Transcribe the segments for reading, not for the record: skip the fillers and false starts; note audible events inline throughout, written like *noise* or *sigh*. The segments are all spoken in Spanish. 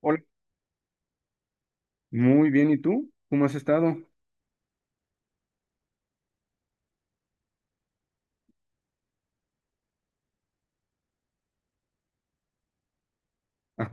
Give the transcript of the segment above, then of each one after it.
Hola. Muy bien, ¿y tú? ¿Cómo has estado? Ah,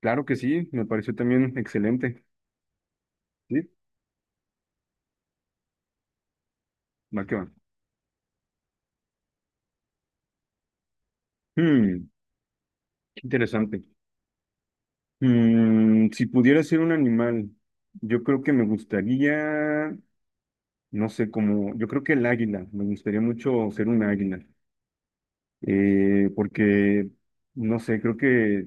claro que sí, me pareció también excelente. Sí, va que va. Hmm, Qué interesante. Si pudiera ser un animal, yo creo que me gustaría, no sé, como, yo creo que el águila, me gustaría mucho ser un águila. Porque, no sé, creo que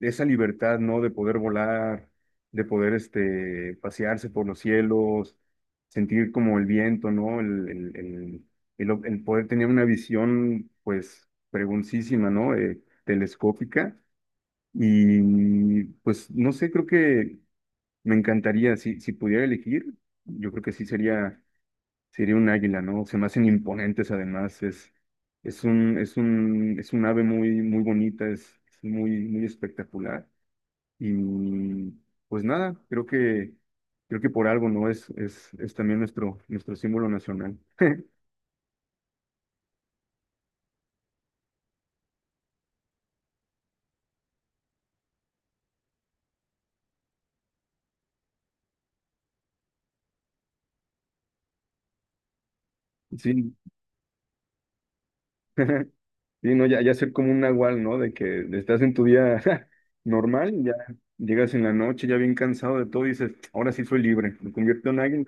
esa libertad, ¿no? De poder volar, de poder, este, pasearse por los cielos, sentir como el viento, ¿no? El poder tener una visión, pues, preguntísima, ¿no? Telescópica. Y, pues, no sé, creo que me encantaría, si pudiera elegir, yo creo que sí sería un águila, ¿no? Se me hacen imponentes, además, es un ave muy, muy bonita, es muy, muy espectacular. Y pues nada, creo que por algo, ¿no? Es también nuestro símbolo nacional. *laughs* Sí, sí, no, ya, ya ser como un nahual, ¿no? De que estás en tu día *laughs* normal y ya llegas en la noche ya bien cansado de todo y dices, ahora sí soy libre, me convierto en águila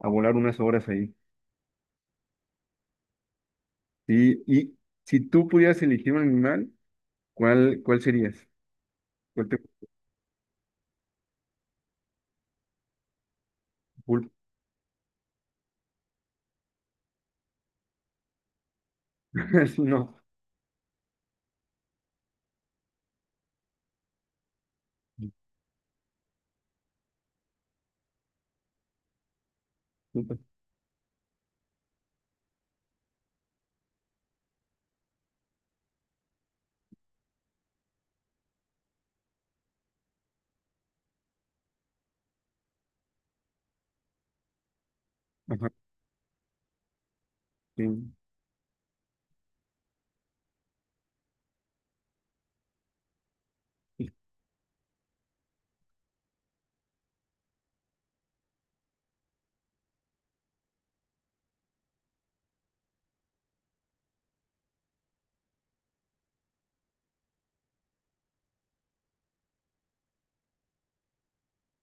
a volar unas horas ahí. Sí, y si tú pudieras elegir un animal, ¿cuál serías? ¿Cuál te? *laughs* Sí, no. Ajá, sí.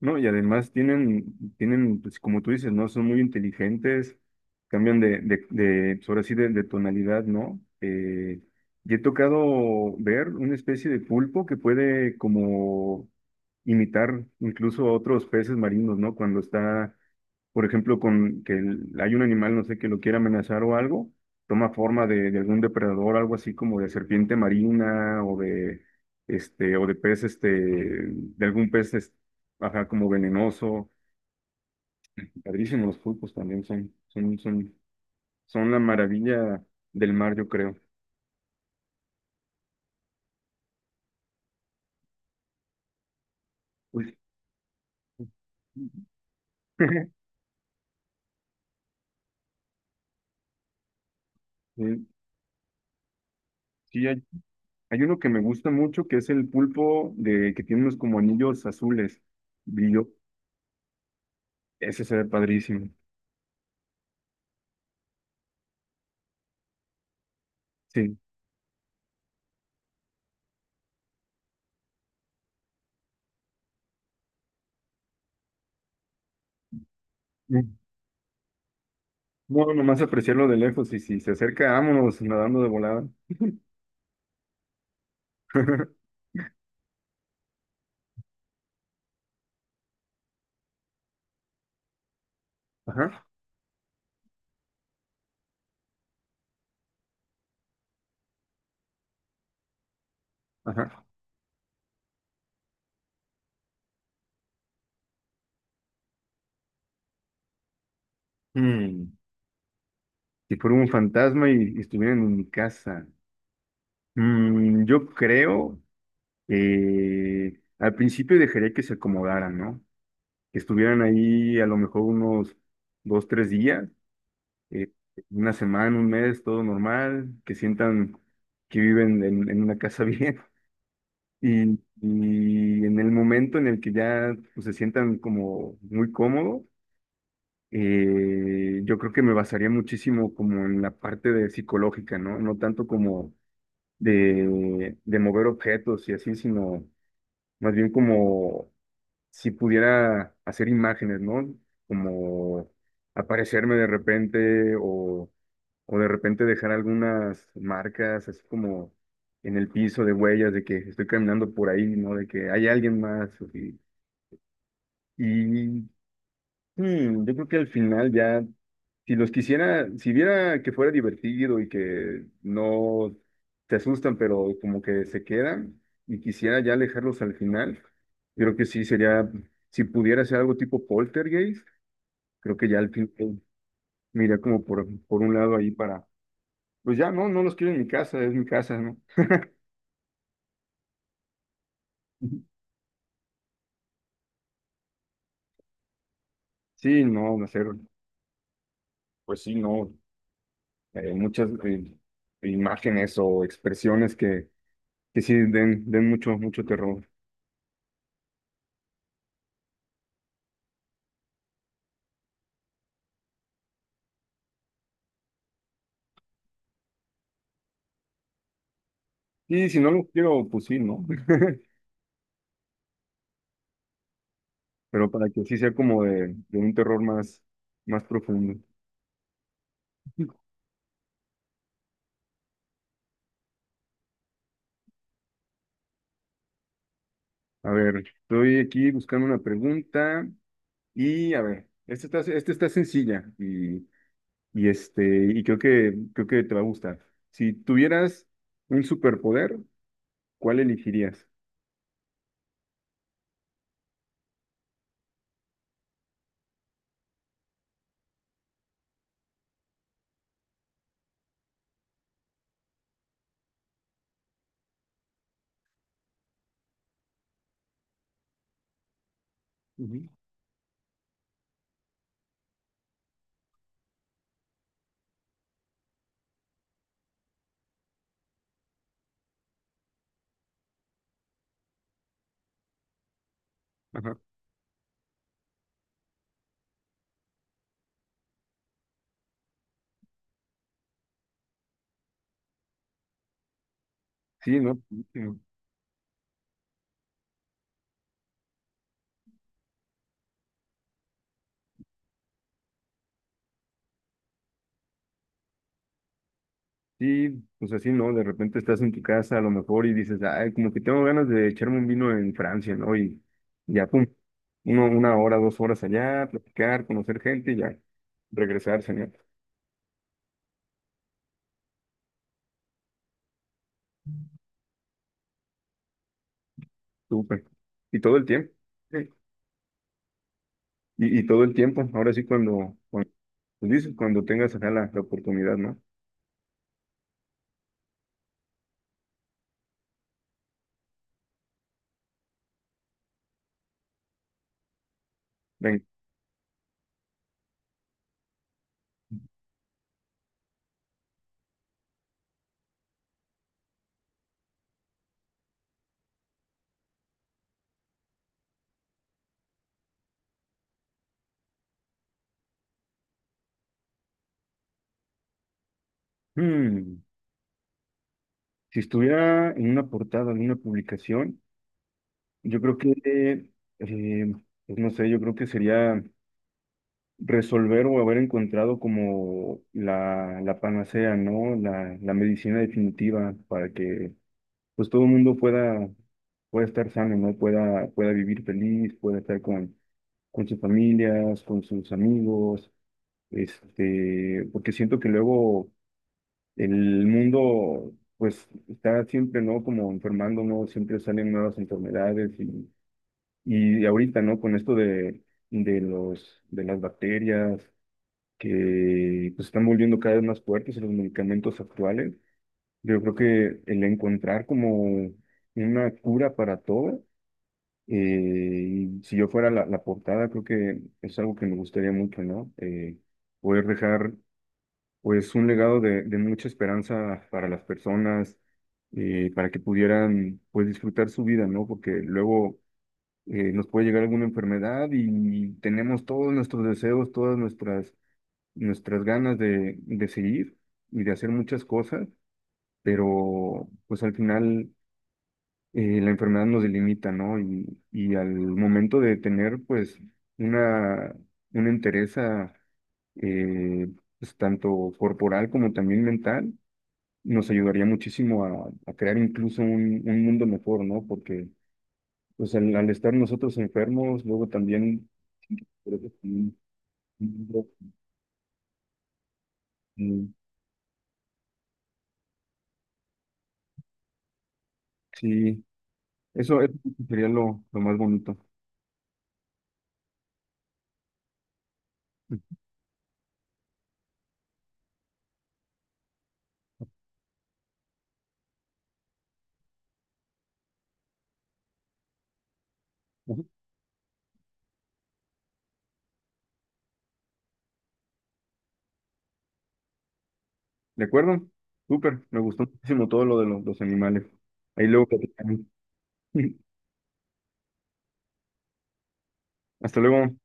No, y además tienen, pues como tú dices, ¿no? Son muy inteligentes, cambian de pues, ahora sí, de tonalidad, ¿no? Y he tocado ver una especie de pulpo que puede como imitar incluso a otros peces marinos, ¿no? Cuando está, por ejemplo, hay un animal, no sé, que lo quiere amenazar o algo, toma forma de algún depredador, algo así como de serpiente marina o de, este, o de pez, este, de algún pez, ajá, como venenoso. Padrísimo, los pulpos también son la maravilla del mar, yo creo. Uy. *laughs* Sí, sí, hay uno que me gusta mucho, que es el pulpo de que tiene unos como anillos azules, brillo. Ese se ve padrísimo. Sí. No, nomás apreciarlo de lejos, y si se acerca, vámonos nadando de volada. *laughs* Ajá, ajá. Mm, Si fuera un fantasma y estuvieran en mi casa. Yo creo que al principio dejaría que se acomodaran, ¿no? Que estuvieran ahí a lo mejor unos dos, tres días, eh, una semana, un mes, todo normal, que sientan que viven en una casa *laughs* bien. Y, y en el momento en el que ya, pues, se sientan como muy cómodos, yo creo que me basaría muchísimo como en la parte de psicológica, ¿no? No tanto como de mover objetos y así, sino más bien como si pudiera hacer imágenes, ¿no? Como aparecerme de repente o de repente dejar algunas marcas así como en el piso, de huellas de que estoy caminando por ahí, ¿no? De que hay alguien más. Y, yo creo que al final ya, si los quisiera, si viera que fuera divertido y que no te asustan, pero como que se quedan y quisiera ya alejarlos al final, yo creo que sí sería, si pudiera hacer algo tipo poltergeist, creo que ya al final mira como por un lado ahí, pues ya no, no los quiero en mi casa, es mi casa, ¿no? *laughs* Sí, no, hacer, pues sí, no, muchas imágenes o expresiones que sí den mucho, mucho terror. Y si no lo quiero, pues sí, ¿no? *laughs* Pero para que sí sea como de un terror más, más profundo. A ver, estoy aquí buscando una pregunta, y a ver, esta está sencilla y, este, y creo que te va a gustar. Si tuvieras un superpoder, ¿cuál elegirías? Ujú. Ajá. Sí, ¿no? Mm, Sí, pues así, ¿no? De repente estás en tu casa a lo mejor y dices, ay, como que tengo ganas de echarme un vino en Francia, ¿no? Y ya, pum, uno, una hora, dos horas allá, platicar, conocer gente y ya, regresar, señor. Súper. Y todo el tiempo. Sí. Y todo el tiempo, ahora sí cuando, cuando, pues dices, cuando tengas acá la, la oportunidad, ¿no? Ven. Hmm. Si estuviera en una portada, en una publicación, yo creo que, eh, pues no sé, yo creo que sería resolver o haber encontrado como la panacea, ¿no? La medicina definitiva para que pues todo el mundo pueda, pueda estar sano, ¿no? Pueda vivir feliz, pueda estar con sus familias, con sus amigos, este, porque siento que luego el mundo pues está siempre, ¿no? Como enfermando, ¿no? Siempre salen nuevas enfermedades y ahorita, ¿no? Con esto de las bacterias que, pues, están volviendo cada vez más fuertes en los medicamentos actuales, yo creo que el encontrar como una cura para todo, y si yo fuera la portada, creo que es algo que me gustaría mucho, ¿no? Poder dejar pues un legado de mucha esperanza para las personas, para que pudieran, pues, disfrutar su vida, ¿no? Porque luego nos puede llegar alguna enfermedad y tenemos todos nuestros deseos, todas nuestras ganas de seguir y de hacer muchas cosas, pero pues al final la enfermedad nos delimita, ¿no? Y al momento de tener, pues, una, una entereza, eh, pues, tanto corporal como también mental, nos ayudaría muchísimo a crear incluso un mundo mejor, ¿no? Porque pues al estar nosotros enfermos, luego también. Creo que sí. Mm. Sí, sí. Eso sí sería lo más bonito. Ujú. ¿De acuerdo? Súper, me gustó muchísimo todo lo de los animales. Ahí luego platicamos. *laughs* Hasta luego.